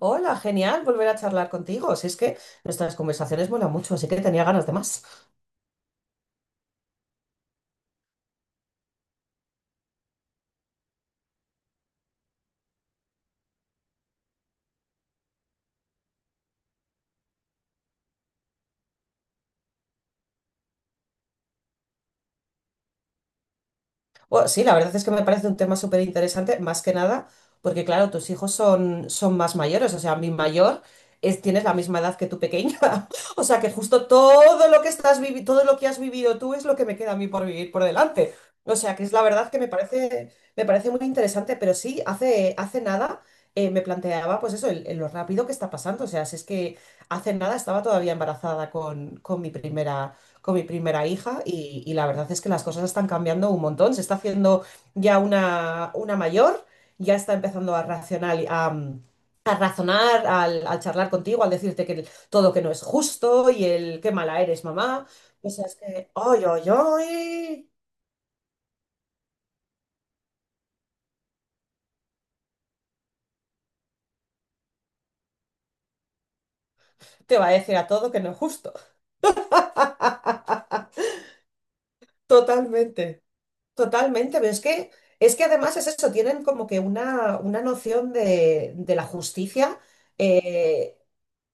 Hola, genial volver a charlar contigo. Si es que nuestras conversaciones vuelan mucho, así que tenía ganas de más. Bueno, sí, la verdad es que me parece un tema súper interesante, más que nada, porque claro, tus hijos son más mayores, o sea, mi mayor es, tienes la misma edad que tu pequeña, o sea, que justo todo lo que todo lo que has vivido tú es lo que me queda a mí por vivir por delante. O sea, que es la verdad que me parece muy interesante, pero sí, hace nada me planteaba, pues eso, el lo rápido que está pasando, o sea, si es que hace nada estaba todavía embarazada con mi primera hija y la verdad es que las cosas están cambiando un montón. Se está haciendo ya una mayor, ya está empezando a racional, a, mm, a razonar, al charlar contigo, al decirte que todo que no es justo y el qué mala eres, mamá. O sea, es que, ¡ay, ay, ay! Te va a decir a todo que no es justo. Totalmente, totalmente, pero es que además es eso, tienen como que una noción de la justicia eh,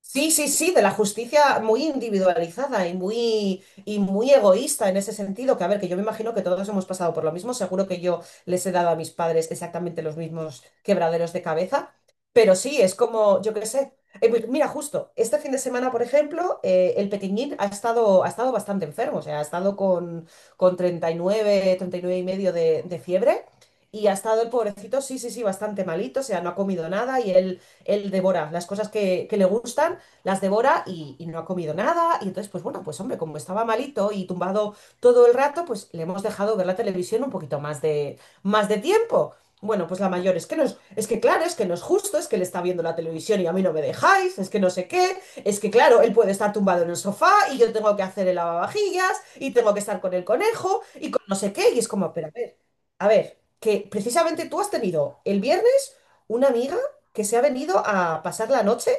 sí, sí, sí, de la justicia muy individualizada y muy egoísta en ese sentido, que a ver, que yo me imagino que todos hemos pasado por lo mismo, seguro que yo les he dado a mis padres exactamente los mismos quebraderos de cabeza, pero sí, es como, yo qué sé, pues mira, justo, este fin de semana, por ejemplo, el Petiñín ha estado bastante enfermo, o sea, ha estado con 39, 39 y nueve y medio de fiebre. Y ha estado el pobrecito, sí, sí, sí, bastante malito, o sea, no ha comido nada y él devora las cosas que le gustan, las devora y no ha comido nada. Y entonces, pues bueno, pues hombre, como estaba malito y tumbado todo el rato, pues le hemos dejado ver la televisión un poquito más de tiempo. Bueno, pues la mayor es que no es, es que claro, es que no es justo, es que él está viendo la televisión y a mí no me dejáis, es que no sé qué, es que claro, él puede estar tumbado en el sofá y yo tengo que hacer el lavavajillas y tengo que estar con el conejo y con no sé qué, y es como, pero a ver, que precisamente tú has tenido el viernes una amiga que se ha venido a pasar la noche.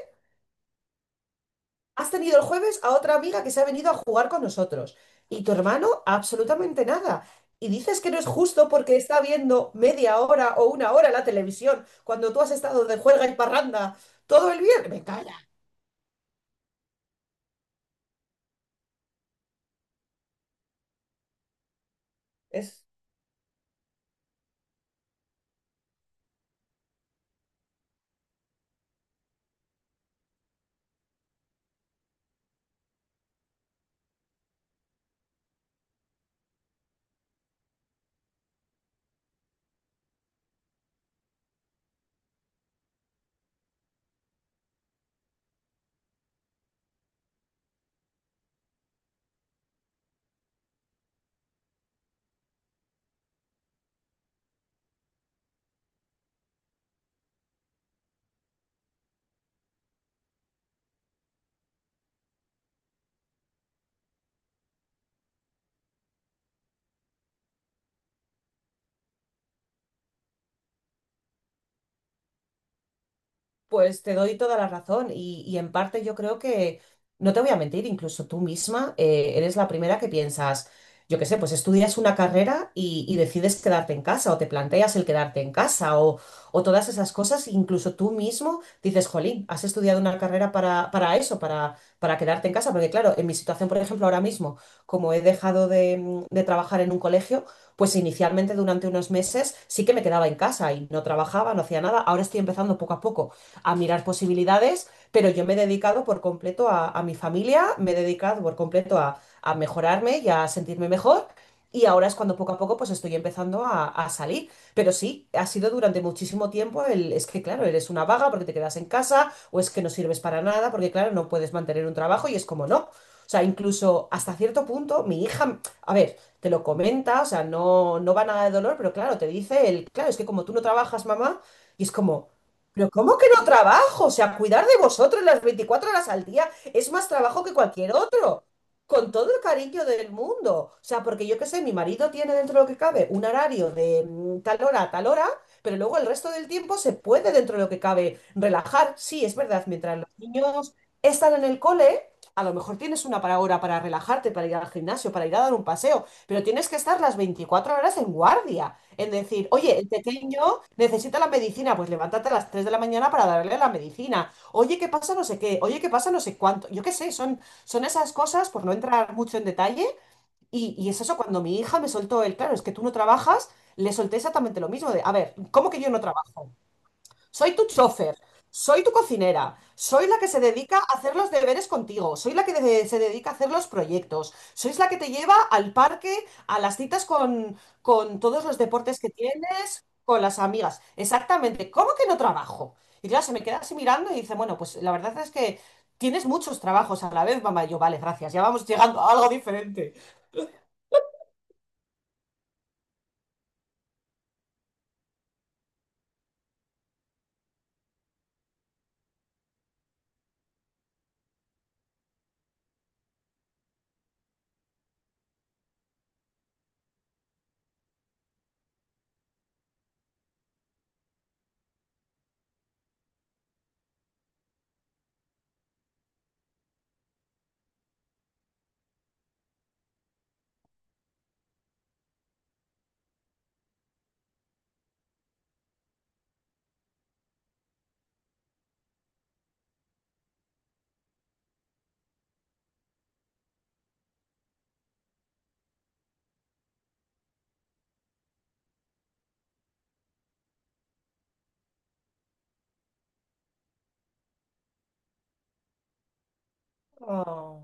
Has tenido el jueves a otra amiga que se ha venido a jugar con nosotros. Y tu hermano, absolutamente nada. Y dices que no es justo porque está viendo media hora o una hora la televisión cuando tú has estado de juerga y parranda todo el viernes. Me calla. Es Pues te doy toda la razón y en parte yo creo que, no te voy a mentir, incluso tú misma eres la primera que piensas, yo qué sé, pues estudias una carrera y decides quedarte en casa o te planteas el quedarte en casa o todas esas cosas, incluso tú mismo dices, jolín, has estudiado una carrera para eso, para quedarte en casa, porque claro, en mi situación, por ejemplo, ahora mismo, como he dejado de trabajar en un colegio, pues inicialmente durante unos meses sí que me quedaba en casa y no trabajaba, no hacía nada, ahora estoy empezando poco a poco a mirar posibilidades, pero yo me he dedicado por completo a mi familia, me he dedicado por completo a mejorarme y a sentirme mejor. Y ahora es cuando poco a poco pues estoy empezando a salir. Pero sí, ha sido durante muchísimo tiempo el, es que claro, eres una vaga porque te quedas en casa o es que no sirves para nada porque claro, no puedes mantener un trabajo y es como no. O sea, incluso hasta cierto punto, mi hija, a ver, te lo comenta, o sea, no, no va nada de dolor, pero claro, te dice el, claro, es que como tú no trabajas, mamá, y es como, pero ¿cómo que no trabajo? O sea, cuidar de vosotros las 24 horas al día es más trabajo que cualquier otro. Con todo el cariño del mundo. O sea, porque yo qué sé, mi marido tiene dentro de lo que cabe un horario de tal hora a tal hora, pero luego el resto del tiempo se puede dentro de lo que cabe relajar. Sí, es verdad, mientras los niños están en el cole, a lo mejor tienes una para hora para relajarte, para ir al gimnasio, para ir a dar un paseo, pero tienes que estar las 24 horas en guardia. En decir, oye, el pequeño necesita la medicina, pues levántate a las 3 de la mañana para darle la medicina. Oye, ¿qué pasa? No sé qué. Oye, ¿qué pasa? No sé cuánto. Yo qué sé, son esas cosas, por no entrar mucho en detalle. Y es eso, cuando mi hija me soltó el, claro, es que tú no trabajas, le solté exactamente lo mismo de, a ver, ¿cómo que yo no trabajo? Soy tu chofer, soy tu cocinera, soy la que se dedica a hacer los deberes contigo, soy la que se dedica a hacer los proyectos, sois la que te lleva al parque, a las citas con todos los deportes que tienes, con las amigas. Exactamente, ¿cómo que no trabajo? Y claro, se me queda así mirando y dice, bueno, pues la verdad es que tienes muchos trabajos a la vez, mamá. Y yo, vale, gracias, ya vamos llegando a algo diferente. Ah.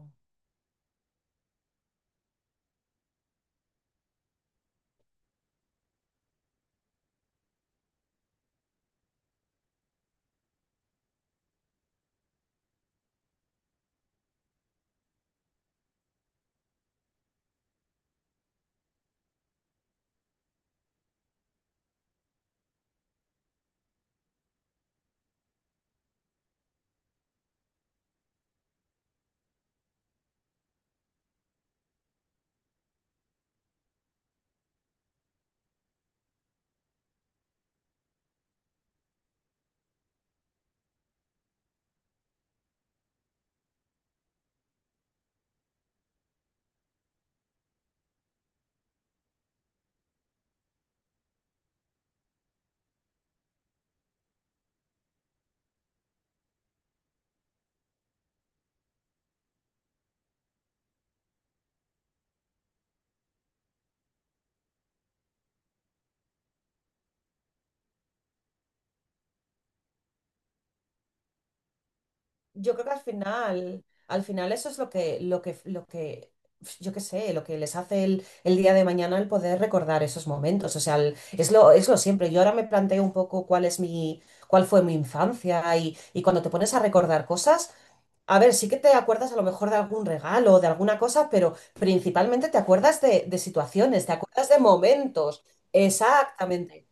Yo creo que al final eso es lo que, yo qué sé, lo que les hace el día de mañana el poder recordar esos momentos. O sea, es lo siempre. Yo ahora me planteo un poco cuál fue mi infancia y cuando te pones a recordar cosas, a ver, sí que te acuerdas a lo mejor de algún regalo o de alguna cosa, pero principalmente te acuerdas de situaciones, te acuerdas de momentos. Exactamente.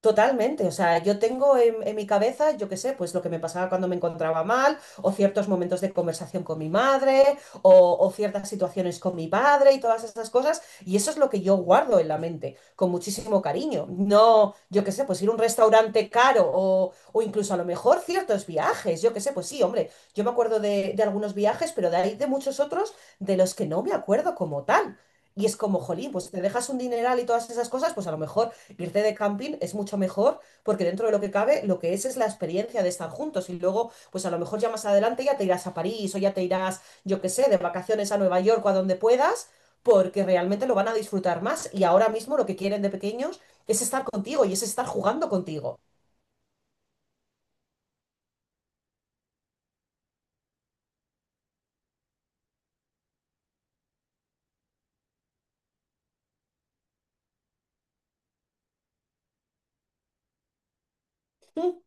Totalmente, o sea, yo tengo en mi cabeza, yo qué sé, pues lo que me pasaba cuando me encontraba mal, o ciertos momentos de conversación con mi madre, o ciertas situaciones con mi padre y todas esas cosas, y eso es lo que yo guardo en la mente, con muchísimo cariño. No, yo qué sé, pues ir a un restaurante caro, o incluso a lo mejor ciertos viajes, yo qué sé, pues sí, hombre, yo me acuerdo de algunos viajes, pero de ahí de muchos otros de los que no me acuerdo como tal. Y es como, jolín, pues te dejas un dineral y todas esas cosas, pues a lo mejor irte de camping es mucho mejor porque dentro de lo que cabe, lo que es la experiencia de estar juntos y luego, pues a lo mejor ya más adelante ya te irás a París o ya te irás, yo qué sé, de vacaciones a Nueva York o a donde puedas, porque realmente lo van a disfrutar más y ahora mismo lo que quieren de pequeños es estar contigo y es estar jugando contigo. Mm.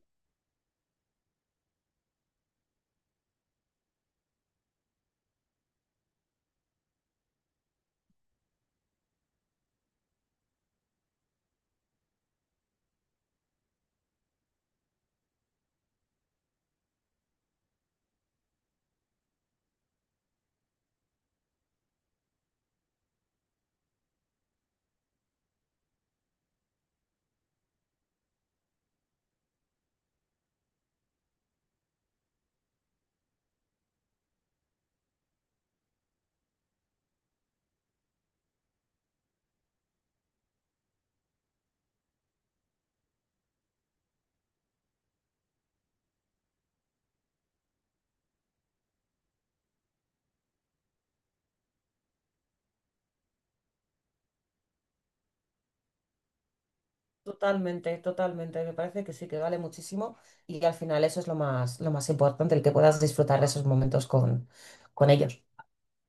Totalmente, totalmente. Me parece que sí, que vale muchísimo y al final eso es lo más importante, el que puedas disfrutar de esos momentos con ellos.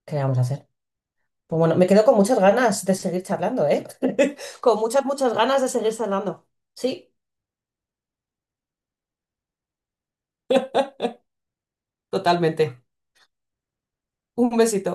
¿Qué le vamos a hacer? Pues bueno, me quedo con muchas ganas de seguir charlando, ¿eh? Con muchas, muchas ganas de seguir charlando. Sí, totalmente. Un besito.